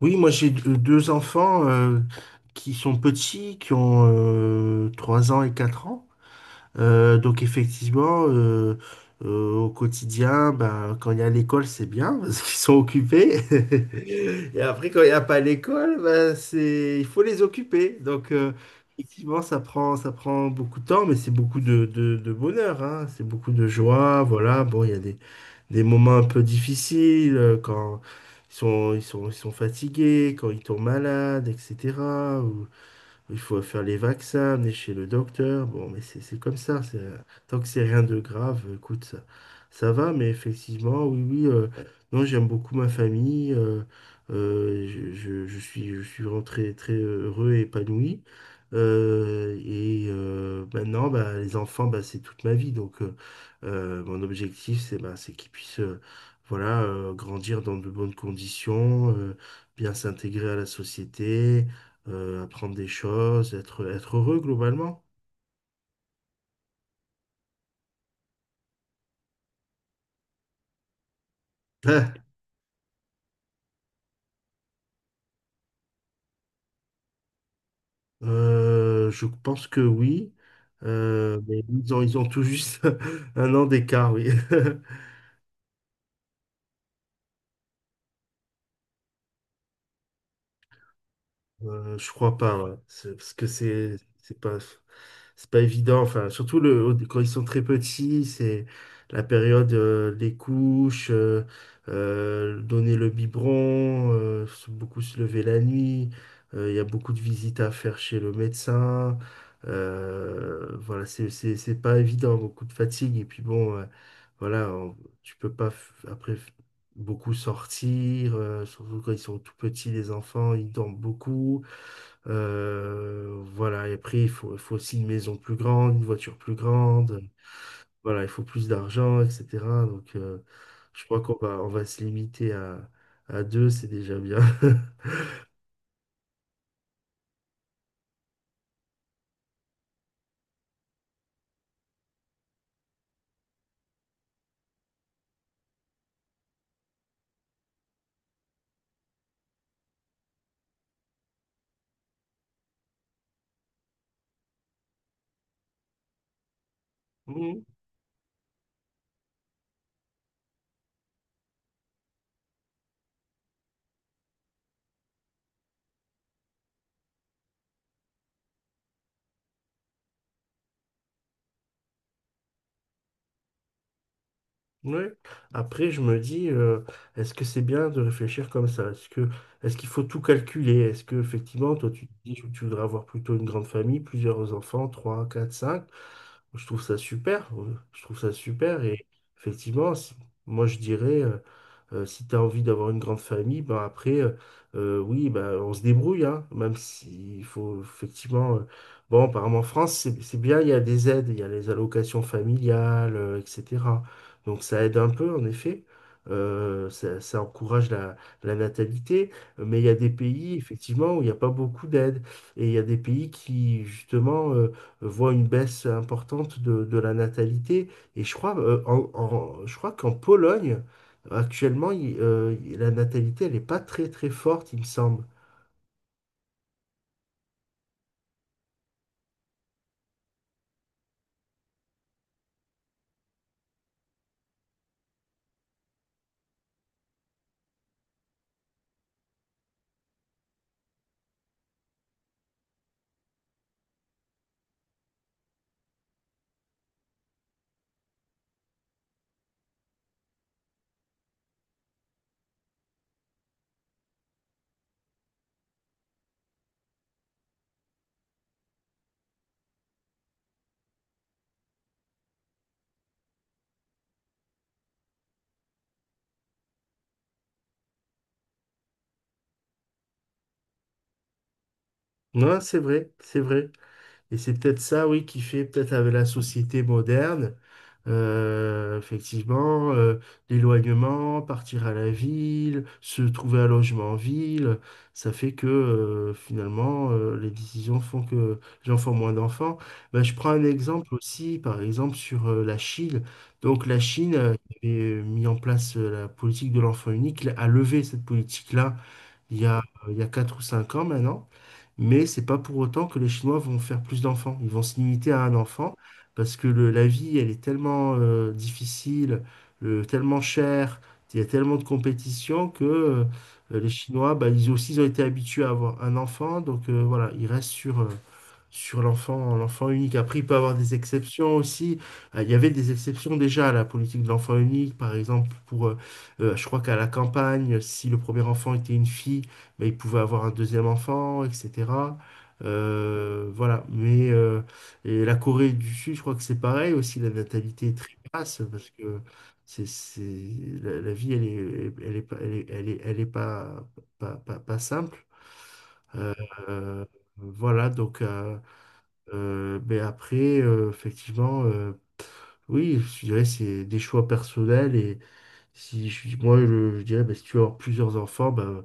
Oui, moi j'ai deux enfants qui sont petits, qui ont 3 ans et 4 ans. Donc effectivement, au quotidien, ben, quand il y a l'école, c'est bien parce qu'ils sont occupés. Et après, quand il n'y a pas l'école, ben, il faut les occuper. Donc effectivement, ça prend beaucoup de temps, mais c'est beaucoup de bonheur, hein. C'est beaucoup de joie. Voilà, bon, il y a des moments un peu difficiles quand ils sont fatigués, quand ils tombent malades, etc. Il faut faire les vaccins, amener chez le docteur. Bon, mais c'est comme ça. Tant que c'est rien de grave, écoute, ça va. Mais effectivement, oui, oui. Non, j'aime beaucoup ma famille. Je suis vraiment très, très heureux et épanoui. Et maintenant, bah, les enfants, bah, c'est toute ma vie. Donc, mon objectif, c'est bah, c'est qu'ils puissent voilà, grandir dans de bonnes conditions, bien s'intégrer à la société, apprendre des choses, être heureux globalement. Ah, je pense que oui. Mais ils ont tout juste un an d'écart, oui. Je crois pas, ouais. Parce que c'est pas c'est pas évident. Enfin, surtout quand ils sont très petits, c'est la période, les couches, donner le biberon, beaucoup se lever la nuit. Il y a beaucoup de visites à faire chez le médecin. Voilà, c'est pas évident, beaucoup de fatigue. Et puis bon, voilà, tu peux pas beaucoup sortir, surtout quand ils sont tout petits, les enfants, ils dorment beaucoup. Voilà, et après, il faut aussi une maison plus grande, une voiture plus grande. Voilà, il faut plus d'argent, etc. Donc, je crois qu'on va, on va se limiter à deux, c'est déjà bien. Mhm, ouais. Après, je me dis, est-ce que c'est bien de réfléchir comme ça? Est-ce qu'il faut tout calculer? Est-ce que, effectivement, toi, tu te dis que tu voudrais avoir plutôt une grande famille, plusieurs enfants, trois, quatre, cinq? Je trouve ça super. Je trouve ça super. Et effectivement, moi, je dirais. Si tu as envie d'avoir une grande famille, ben après, oui, ben on se débrouille, hein, même s'il faut effectivement. Bon, apparemment en France, c'est bien, il y a des aides, il y a les allocations familiales, etc. Donc ça aide un peu, en effet. Ça encourage la natalité, mais il y a des pays, effectivement, où il n'y a pas beaucoup d'aides. Et il y a des pays qui, justement, voient une baisse importante de la natalité. Et je crois, je crois qu'en Pologne, actuellement, la natalité, elle n'est pas très très forte, il me semble. Non, c'est vrai, c'est vrai. Et c'est peut-être ça, oui, qui fait peut-être avec la société moderne, effectivement, l'éloignement, partir à la ville, se trouver un logement en ville, ça fait que finalement, les décisions font que les gens font moins d'enfants. Ben, je prends un exemple aussi, par exemple, sur la Chine. Donc la Chine, qui avait mis en place la politique de l'enfant unique, a levé cette politique-là il y a, il y a 4 ou 5 ans maintenant. Mais c'est pas pour autant que les Chinois vont faire plus d'enfants. Ils vont se limiter à un enfant parce que la vie, elle est tellement difficile, tellement chère, il y a tellement de compétition que les Chinois, bah, ils aussi ils ont été habitués à avoir un enfant. Donc voilà, ils restent sur l'enfant unique. Après, il peut avoir des exceptions aussi. Il y avait des exceptions déjà à la politique de l'enfant unique. Par exemple, je crois qu'à la campagne, si le premier enfant était une fille, ben, il pouvait avoir un deuxième enfant, etc. Voilà. Et la Corée du Sud, je crois que c'est pareil aussi. La natalité est très basse parce que c'est, c'est, la vie, elle est, pas- elle est, elle est, elle est pas simple. Euh, euh, voilà, donc, mais après, effectivement, oui, je dirais c'est des choix personnels. Et si je, suis- moi, je dirais, bah, si tu veux avoir plusieurs enfants, bah,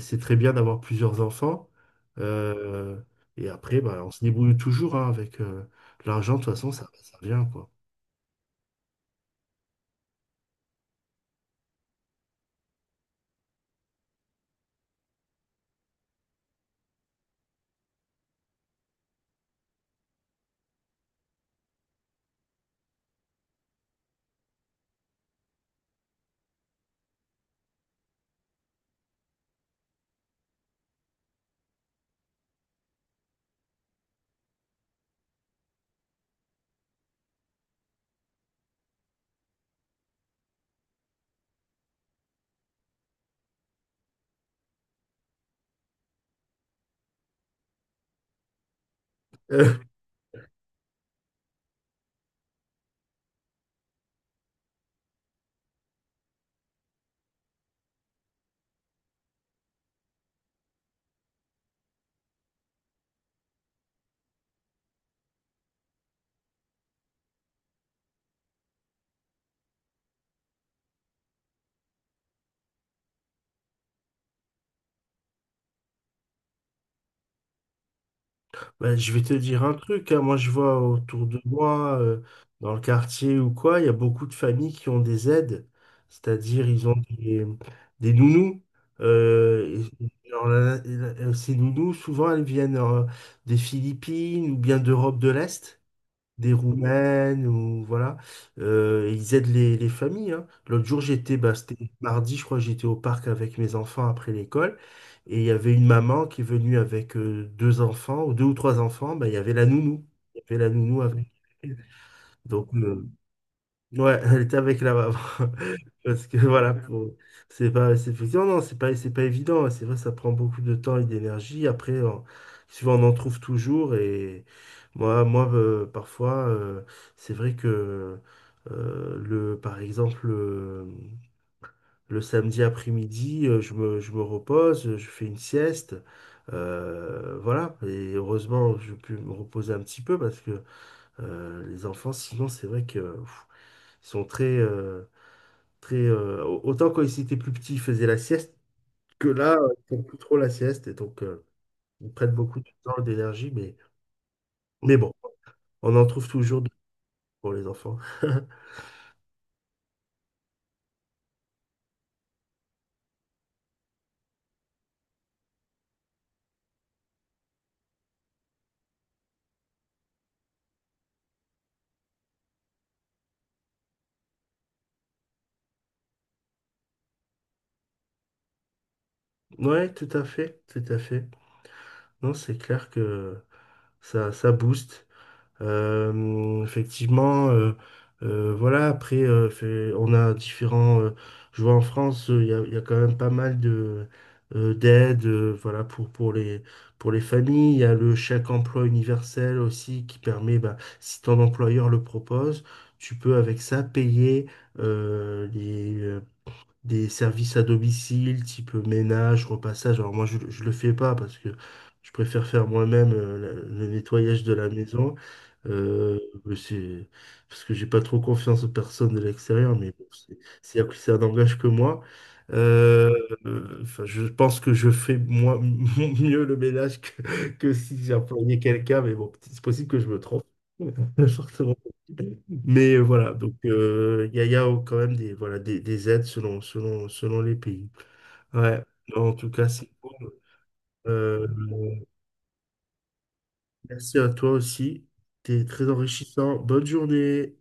c'est très bien d'avoir plusieurs enfants. Euh, et après, bah, on se débrouille toujours, hein, avec l'argent. De toute façon, ça vient, quoi. Ben, je vais te dire un truc, hein. Moi, je vois autour de moi, dans le quartier ou quoi, il y a beaucoup de familles qui ont des aides, c'est-à-dire ils ont des nounous. Euh, et alors, ces nounous, souvent, elles viennent des Philippines ou bien d'Europe de l'Est, des Roumaines ou voilà. Et ils aident les familles, hein. L'autre jour, c'était mardi, je crois, j'étais au parc avec mes enfants après l'école. Et il y avait une maman qui est venue avec deux enfants, ou deux ou trois enfants, bah, il y avait la nounou. Il y avait la nounou avec elle. Donc, ouais, elle était avec la maman. Parce que voilà, c'est effectivement, non, c'est pas évident. C'est vrai, ça prend beaucoup de temps et d'énergie. Après, souvent, on en trouve toujours. Et moi, parfois, c'est vrai que, par exemple, samedi après-midi, je me repose, je fais une sieste. Voilà. Et heureusement, je peux me reposer un petit peu parce que, les enfants, sinon, c'est vrai que, pff, ils sont très, euh, très, autant quand ils étaient plus petits, ils faisaient la sieste, que là, ils font plus trop la sieste, et donc ils prennent beaucoup de temps, d'énergie, mais bon, on en trouve toujours pour les enfants. Ouais, tout à fait, tout à fait. Non, c'est clair que ça booste. Effectivement, voilà, après, on a différents... je vois en France, il y a quand même pas mal d'aides, voilà, pour les familles. Il y a le chèque emploi universel aussi qui permet, bah, si ton employeur le propose, tu peux avec ça payer euh, des services à domicile, type ménage, repassage. Alors moi, je le fais pas parce que je préfère faire moi-même le nettoyage de la maison. Euh, mais c'est parce que j'ai pas trop confiance aux personnes de l'extérieur, mais bon, c'est un langage que moi. Euh, enfin, je pense que je fais moi mieux le ménage que si j'employais quelqu'un, mais bon, c'est possible que je me trompe. Fortement. Voilà, donc il y a quand même des aides selon les pays. Ouais, non, en tout cas, c'est cool. Euh, Merci à toi aussi. T'es très enrichissant. Bonne journée.